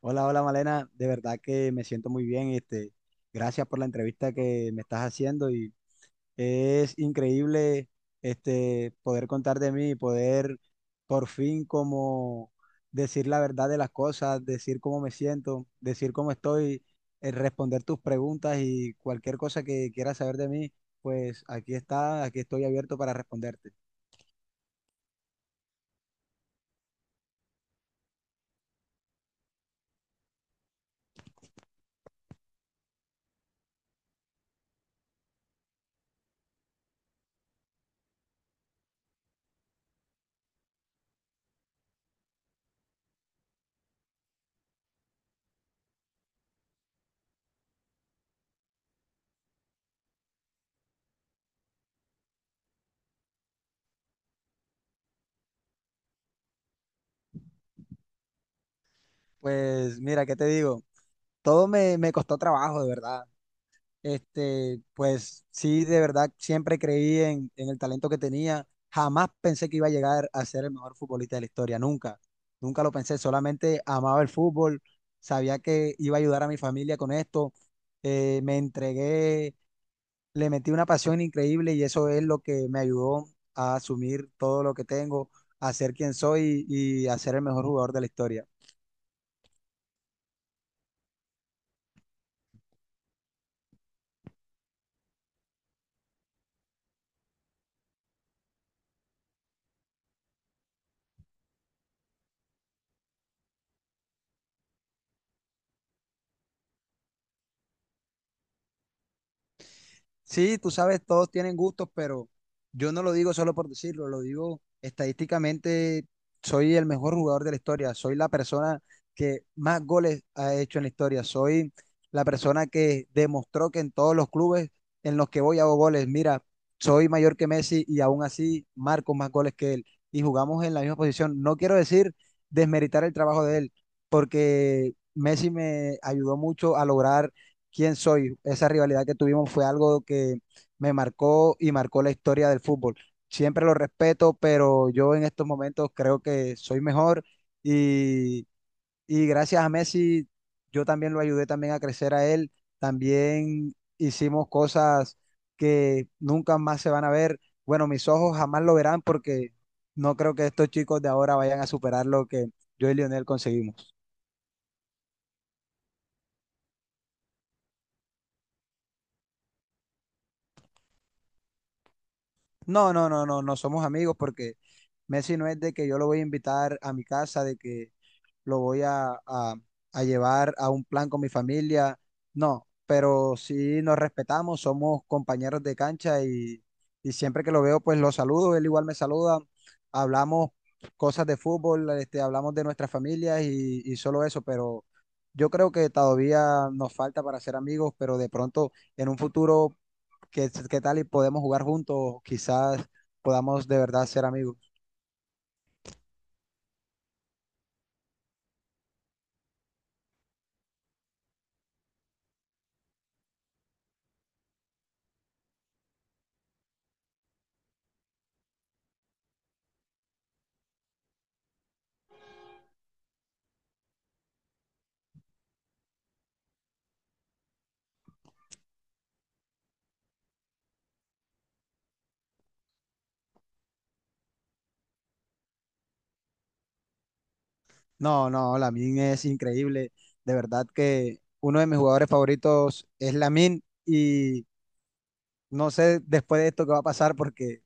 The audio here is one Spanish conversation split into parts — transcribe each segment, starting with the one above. Hola, hola Malena, de verdad que me siento muy bien, gracias por la entrevista que me estás haciendo y es increíble poder contar de mí y poder por fin como decir la verdad de las cosas, decir cómo me siento, decir cómo estoy, responder tus preguntas y cualquier cosa que quieras saber de mí, pues aquí está, aquí estoy abierto para responderte. Pues mira, ¿qué te digo? Todo me costó trabajo, de verdad. Pues sí, de verdad, siempre creí en el talento que tenía. Jamás pensé que iba a llegar a ser el mejor futbolista de la historia, nunca. Nunca lo pensé, solamente amaba el fútbol, sabía que iba a ayudar a mi familia con esto. Me entregué, le metí una pasión increíble y eso es lo que me ayudó a asumir todo lo que tengo, a ser quien soy y a ser el mejor jugador de la historia. Sí, tú sabes, todos tienen gustos, pero yo no lo digo solo por decirlo, lo digo estadísticamente, soy el mejor jugador de la historia, soy la persona que más goles ha hecho en la historia, soy la persona que demostró que en todos los clubes en los que voy hago goles. Mira, soy mayor que Messi y aún así marco más goles que él y jugamos en la misma posición. No quiero decir desmeritar el trabajo de él, porque Messi me ayudó mucho a lograr quién soy. Esa rivalidad que tuvimos fue algo que me marcó y marcó la historia del fútbol. Siempre lo respeto, pero yo en estos momentos creo que soy mejor y, y gracias a Messi, yo también lo ayudé también a crecer a él. También hicimos cosas que nunca más se van a ver. Bueno, mis ojos jamás lo verán porque no creo que estos chicos de ahora vayan a superar lo que yo y Lionel conseguimos. No, no, no, no, no somos amigos porque Messi no es de que yo lo voy a invitar a mi casa, de que lo voy a llevar a un plan con mi familia, no, pero sí nos respetamos, somos compañeros de cancha y siempre que lo veo pues lo saludo, él igual me saluda, hablamos cosas de fútbol, este, hablamos de nuestras familias y solo eso, pero yo creo que todavía nos falta para ser amigos, pero de pronto en un futuro. ¿Qué tal y podemos jugar juntos? Quizás podamos de verdad ser amigos. No, no, Lamin es increíble. De verdad que uno de mis jugadores favoritos es Lamin y no sé después de esto qué va a pasar porque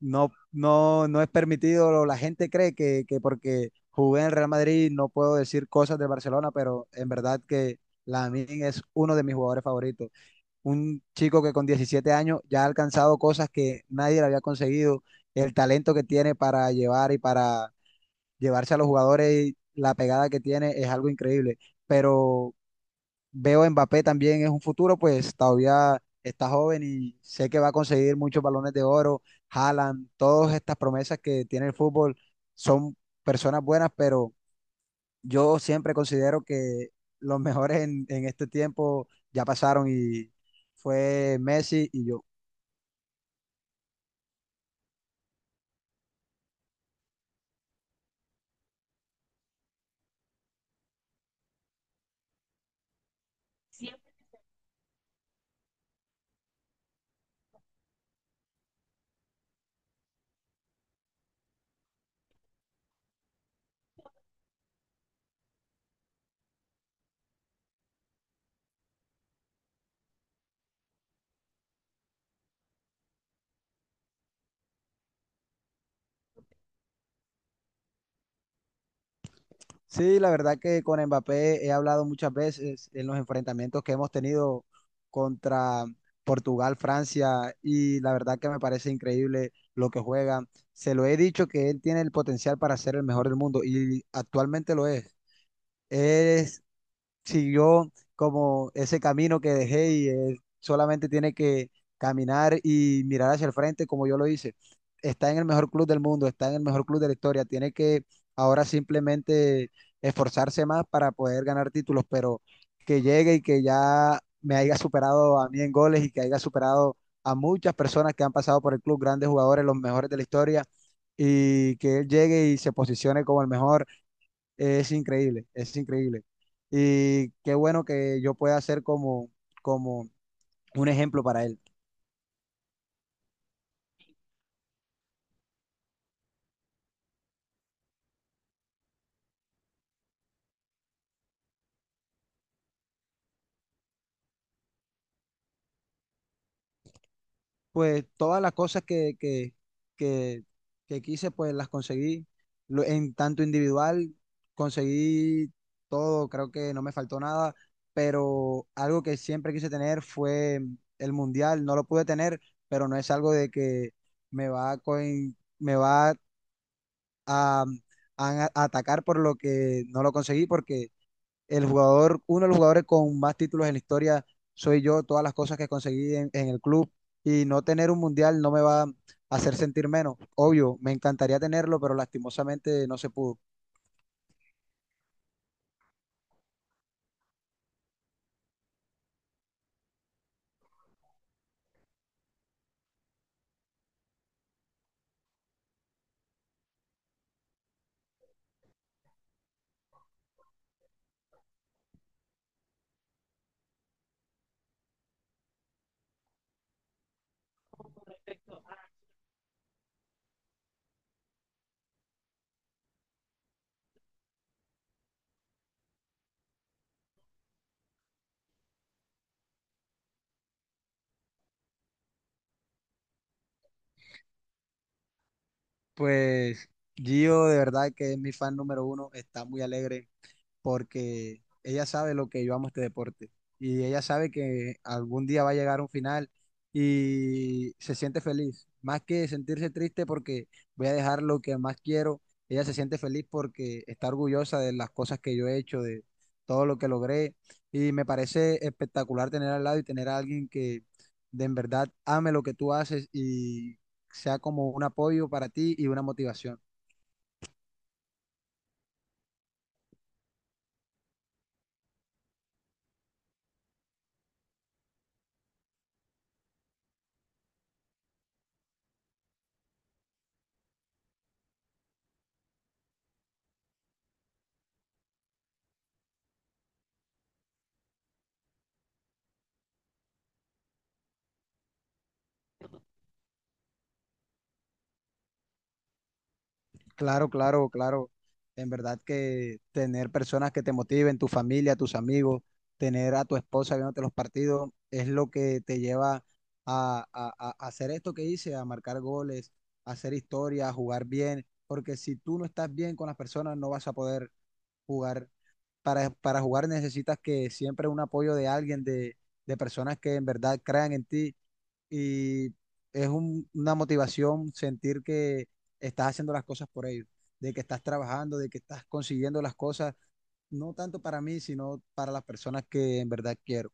no, no, no es permitido. La gente cree que porque jugué en el Real Madrid no puedo decir cosas de Barcelona, pero en verdad que Lamin es uno de mis jugadores favoritos. Un chico que con 17 años ya ha alcanzado cosas que nadie le había conseguido, el talento que tiene para llevar y para llevarse a los jugadores, y la pegada que tiene es algo increíble. Pero veo a Mbappé también es un futuro, pues todavía está joven y sé que va a conseguir muchos balones de oro. Haaland, todas estas promesas que tiene el fútbol son personas buenas, pero yo siempre considero que los mejores en este tiempo ya pasaron y fue Messi y yo. Sí, la verdad que con Mbappé he hablado muchas veces en los enfrentamientos que hemos tenido contra Portugal, Francia y la verdad que me parece increíble lo que juega. Se lo he dicho que él tiene el potencial para ser el mejor del mundo y actualmente lo es. Es Siguió como ese camino que dejé y él solamente tiene que caminar y mirar hacia el frente como yo lo hice. Está en el mejor club del mundo, está en el mejor club de la historia, tiene que ahora simplemente esforzarse más para poder ganar títulos, pero que llegue y que ya me haya superado a mí en goles y que haya superado a muchas personas que han pasado por el club, grandes jugadores, los mejores de la historia, y que él llegue y se posicione como el mejor es increíble, es increíble. Y qué bueno que yo pueda ser como, un ejemplo para él. Pues todas las cosas que, que quise, pues las conseguí. En tanto individual, conseguí todo, creo que no me faltó nada, pero algo que siempre quise tener fue el mundial. No lo pude tener, pero no es algo de que me va a, coin- me va a a atacar por lo que no lo conseguí, porque el jugador, uno de los jugadores con más títulos en la historia soy yo, todas las cosas que conseguí en el club y no tener un mundial no me va a hacer sentir menos. Obvio, me encantaría tenerlo, pero lastimosamente no se pudo. Pues Gio, de verdad que es mi fan número uno, está muy alegre porque ella sabe lo que yo amo este deporte y ella sabe que algún día va a llegar un final y se siente feliz, más que sentirse triste porque voy a dejar lo que más quiero, ella se siente feliz porque está orgullosa de las cosas que yo he hecho, de todo lo que logré y me parece espectacular tener al lado y tener a alguien que de en verdad ame lo que tú haces y sea como un apoyo para ti y una motivación. Claro, claro, claro. En verdad que tener personas que te motiven, tu familia, tus amigos, tener a tu esposa viéndote los partidos, es lo que te lleva a hacer esto que hice, a marcar goles, a hacer historia, a jugar bien, porque si tú no estás bien con las personas, no vas a poder jugar para jugar necesitas que siempre un apoyo de alguien, de personas que en verdad crean en ti y es una motivación sentir que estás haciendo las cosas por ellos, de que estás trabajando, de que estás consiguiendo las cosas, no tanto para mí, sino para las personas que en verdad quiero.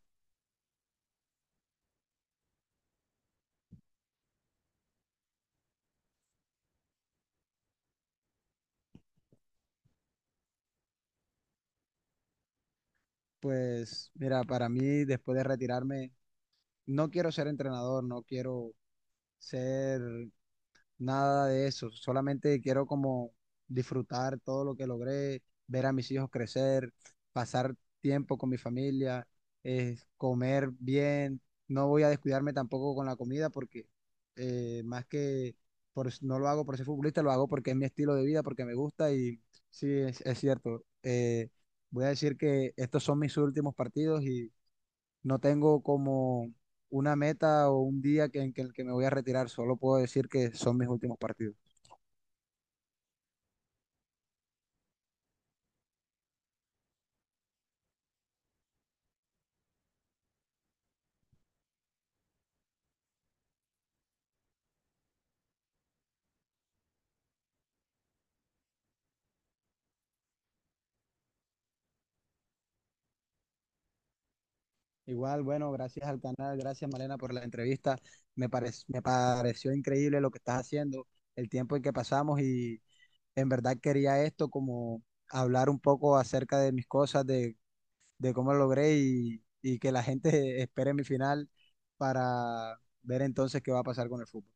Pues mira, para mí después de retirarme, no quiero ser entrenador, no quiero ser nada de eso. Solamente quiero como disfrutar todo lo que logré, ver a mis hijos crecer, pasar tiempo con mi familia, comer bien. No voy a descuidarme tampoco con la comida porque más que no lo hago por ser futbolista, lo hago porque es mi estilo de vida, porque me gusta y sí, es cierto. Voy a decir que estos son mis últimos partidos y no tengo como una meta o un día que, en que- en que me voy a retirar, solo puedo decir que son mis últimos partidos. Igual, bueno, gracias al canal, gracias Malena por la entrevista. Me pareció increíble lo que estás haciendo, el tiempo en que pasamos y en verdad quería esto como hablar un poco acerca de mis cosas, de cómo lo logré y que la gente espere mi final para ver entonces qué va a pasar con el fútbol.